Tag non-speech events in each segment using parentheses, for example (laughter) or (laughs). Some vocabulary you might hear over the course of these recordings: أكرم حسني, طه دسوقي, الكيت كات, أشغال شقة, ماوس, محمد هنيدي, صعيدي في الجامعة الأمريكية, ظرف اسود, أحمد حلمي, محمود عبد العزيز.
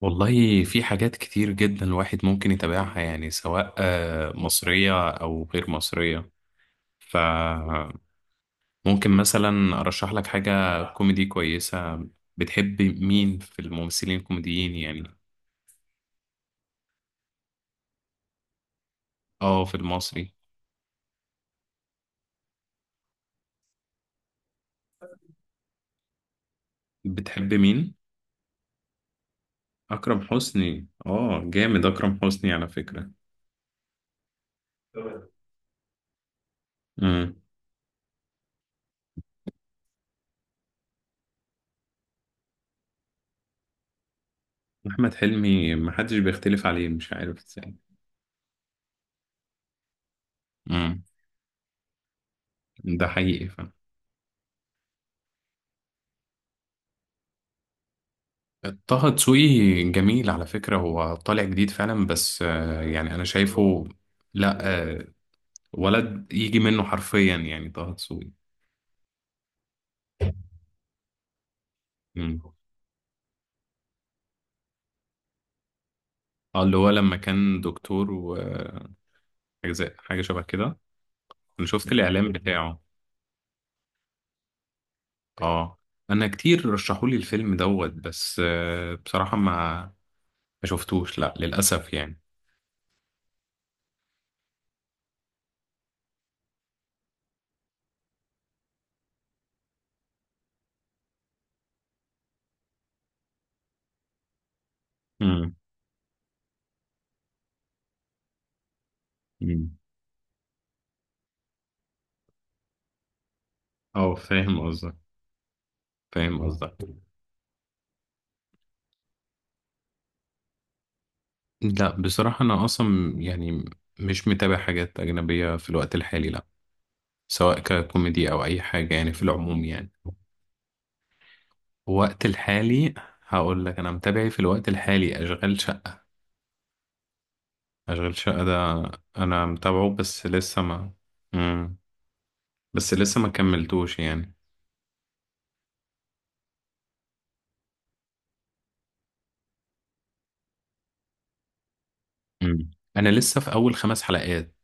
والله في حاجات كتير جدا الواحد ممكن يتابعها يعني سواء مصرية أو غير مصرية. فممكن مثلا أرشح لك حاجة كوميدي كويسة. بتحب مين في الممثلين الكوميديين يعني؟ اه، في المصري. بتحب مين؟ أكرم حسني، جامد. أكرم حسني على فكرة. امم. أحمد حلمي محدش بيختلف عليه، مش عارف ازاي. امم. ده حقيقي. طه دسوقي جميل على فكرة، هو طالع جديد فعلا بس يعني أنا شايفه. لا. آه، ولد يجي منه حرفيا يعني طه دسوقي. مم. اه، اللي هو لما كان دكتور وحاجة، زي حاجة شبه كده. أنا شفت الإعلان بتاعه. اه، أنا كتير رشحولي الفيلم دوت بس بصراحة ما شفتوش، لا للأسف يعني. مم. مم. اه، فاهم قصدك. فاهم قصدك. لا بصراحة، أنا أصلا يعني مش متابع حاجات أجنبية في الوقت الحالي، لا، سواء ككوميدي أو أي حاجة يعني، في العموم يعني. الوقت الحالي هقول لك، أنا متابعي في الوقت الحالي أشغال شقة. أشغال شقة ده أنا متابعه بس لسه ما... مم. بس لسه ما كملتوش يعني. مم. أنا لسه في أول 5 حلقات،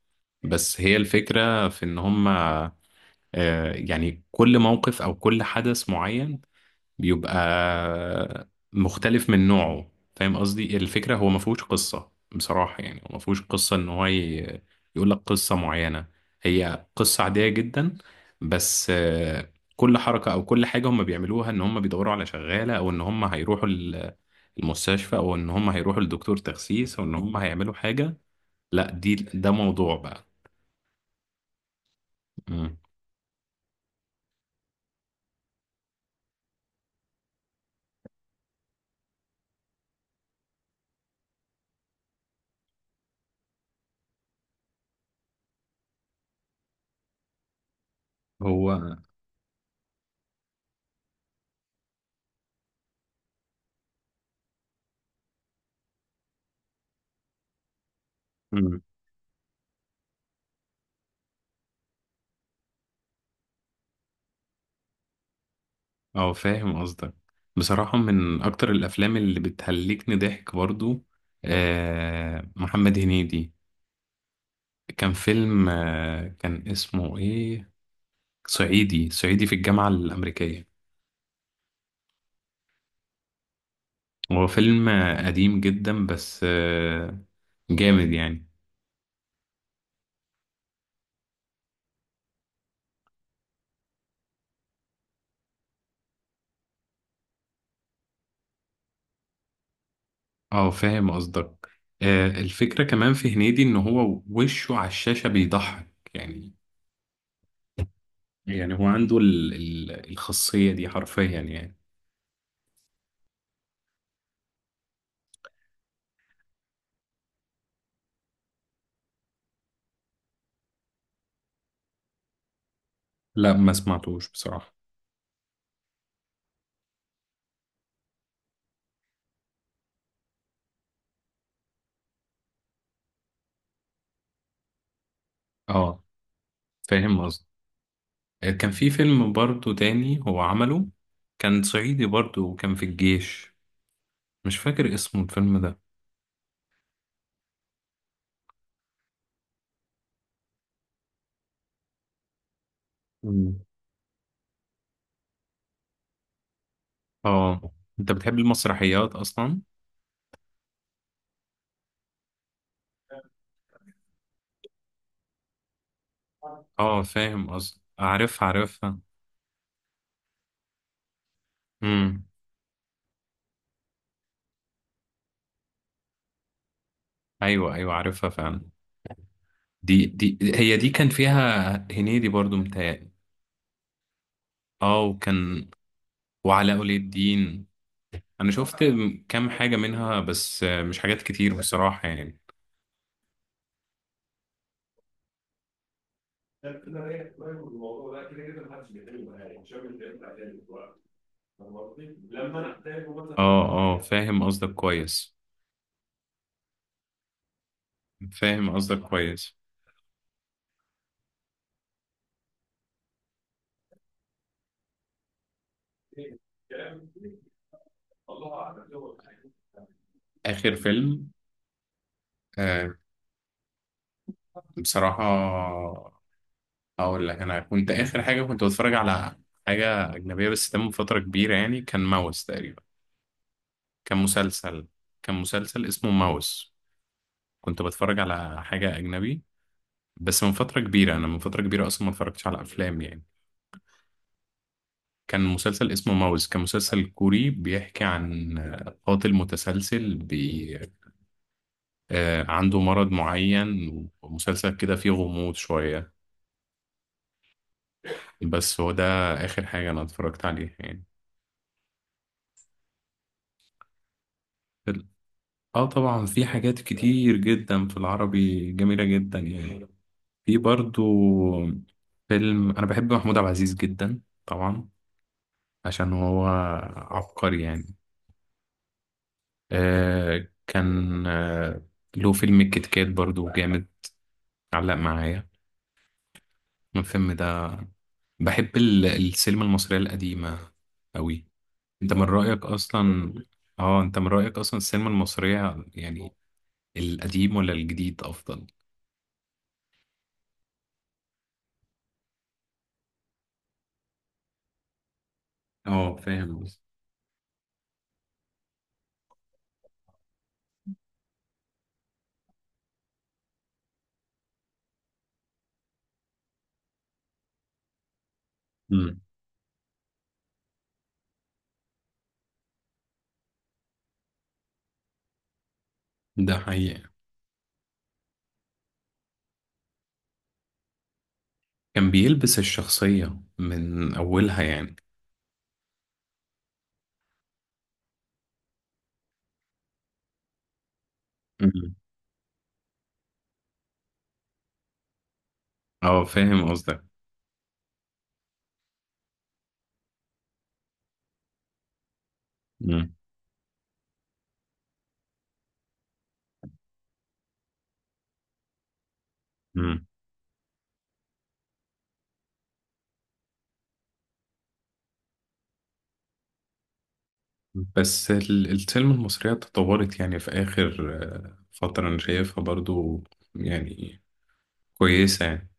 بس هي الفكرة في إن هما يعني كل موقف أو كل حدث معين بيبقى مختلف من نوعه. فاهم قصدي، الفكرة هو ما فيهوش قصة بصراحة، يعني هو ما فيهوش قصة ان هو يقول لك قصة معينة. هي قصة عادية جدا بس كل حركة او كل حاجة هم بيعملوها، ان هم بيدوروا على شغالة، او ان هم هيروحوا المستشفى، او ان هم هيروحوا لدكتور تخسيس، او ان هم هيعملوا حاجة، لا، دي ده موضوع بقى. مم. هو. مم. اه، فاهم قصدك. بصراحة من أكتر الأفلام اللي بتهلكني ضحك برضو، محمد هنيدي. كان فيلم، كان اسمه إيه، صعيدي في الجامعة الأمريكية. هو فيلم قديم جدا بس جامد يعني. اه، فاهم قصدك. الفكرة كمان في هنيدي إن هو وشه على الشاشة بيضحك يعني. يعني هو عنده الخاصية دي حرفيا يعني. لا، ما سمعتوش بصراحة. اه، فاهم قصدي. كان في فيلم برضو تاني هو عمله، كان صعيدي برضو وكان في الجيش، مش فاكر اسمه الفيلم ده. مم. اه، انت بتحب المسرحيات اصلا؟ اه، فاهم قصدي، عارفها، عارفها. امم. ايوه، ايوه، عارفها فعلا. دي هي دي كان فيها هنيدي برضو متهيألي. اه، وعلاء ولي الدين. انا شفت كام حاجة منها بس مش حاجات كتير بصراحة يعني. اه، اه، فاهم قصدك كويس، فاهم قصدك كويس. آخر فيلم. آه بصراحة أقول لك، أنا كنت آخر حاجة كنت بتفرج على حاجة أجنبية، بس ده من فترة كبيرة يعني، كان ماوس تقريبا. كان مسلسل كان مسلسل اسمه ماوس. كنت بتفرج على حاجة أجنبي بس من فترة كبيرة، أنا من فترة كبيرة أصلا ما اتفرجتش على أفلام يعني. كان مسلسل اسمه ماوس، كان مسلسل كوري بيحكي عن قاتل متسلسل، عنده مرض معين، ومسلسل كده فيه غموض شوية. بس هو ده آخر حاجة أنا اتفرجت عليها يعني. ال- اه، طبعا في حاجات كتير جدا في العربي جميلة جدا يعني، في برضو فيلم. أنا بحب محمود عبد العزيز جدا طبعا، عشان هو عبقري يعني. آه كان آه له فيلم الكيت كات برضو جامد، علق معايا الفيلم ده. بحب السينما المصرية القديمة أوي. انت من رأيك اصلا، اه انت من رأيك اصلا السينما المصرية يعني، القديم ولا الجديد افضل؟ اه، فاهم قصدي. امم. ده حقيقة. كان بيلبس الشخصية من اولها يعني. امم. اه، فاهم قصدك. امم. امم. بس السينما المصرية تطورت يعني، في اخر فترة انا شايفها برضو يعني كويسة يعني.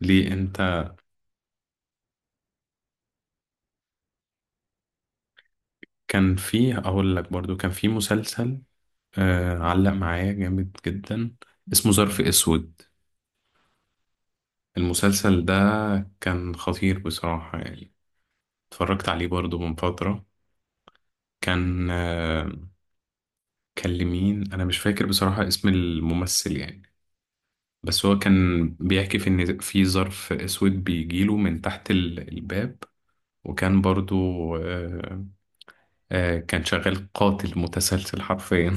ليه انت؟ كان فيه، اقول لك برضو، كان فيه مسلسل علق معايا جامد جدا، اسمه ظرف اسود. المسلسل ده كان خطير بصراحة يعني، اتفرجت عليه برضو من فترة. كان آه كان لمين انا مش فاكر بصراحة اسم الممثل يعني. بس هو كان بيحكي في ان في ظرف اسود بيجيله من تحت الباب. وكان برضو آه كان شغال قاتل متسلسل حرفيا.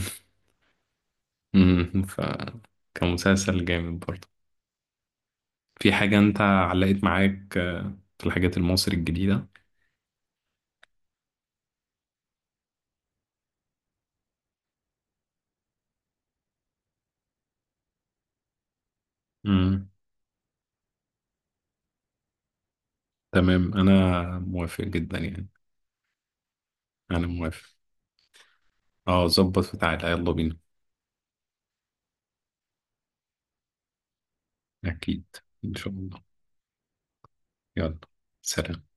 (laughs) فكان مسلسل جامد برضو. في حاجة أنت علقت معاك في الحاجات المصري الجديدة؟ امم. تمام، أنا موافق جدا يعني، أنا موافق. أه، ظبط بتاعتها، يلا بينا. أكيد، إن شاء الله. يلا، سلام.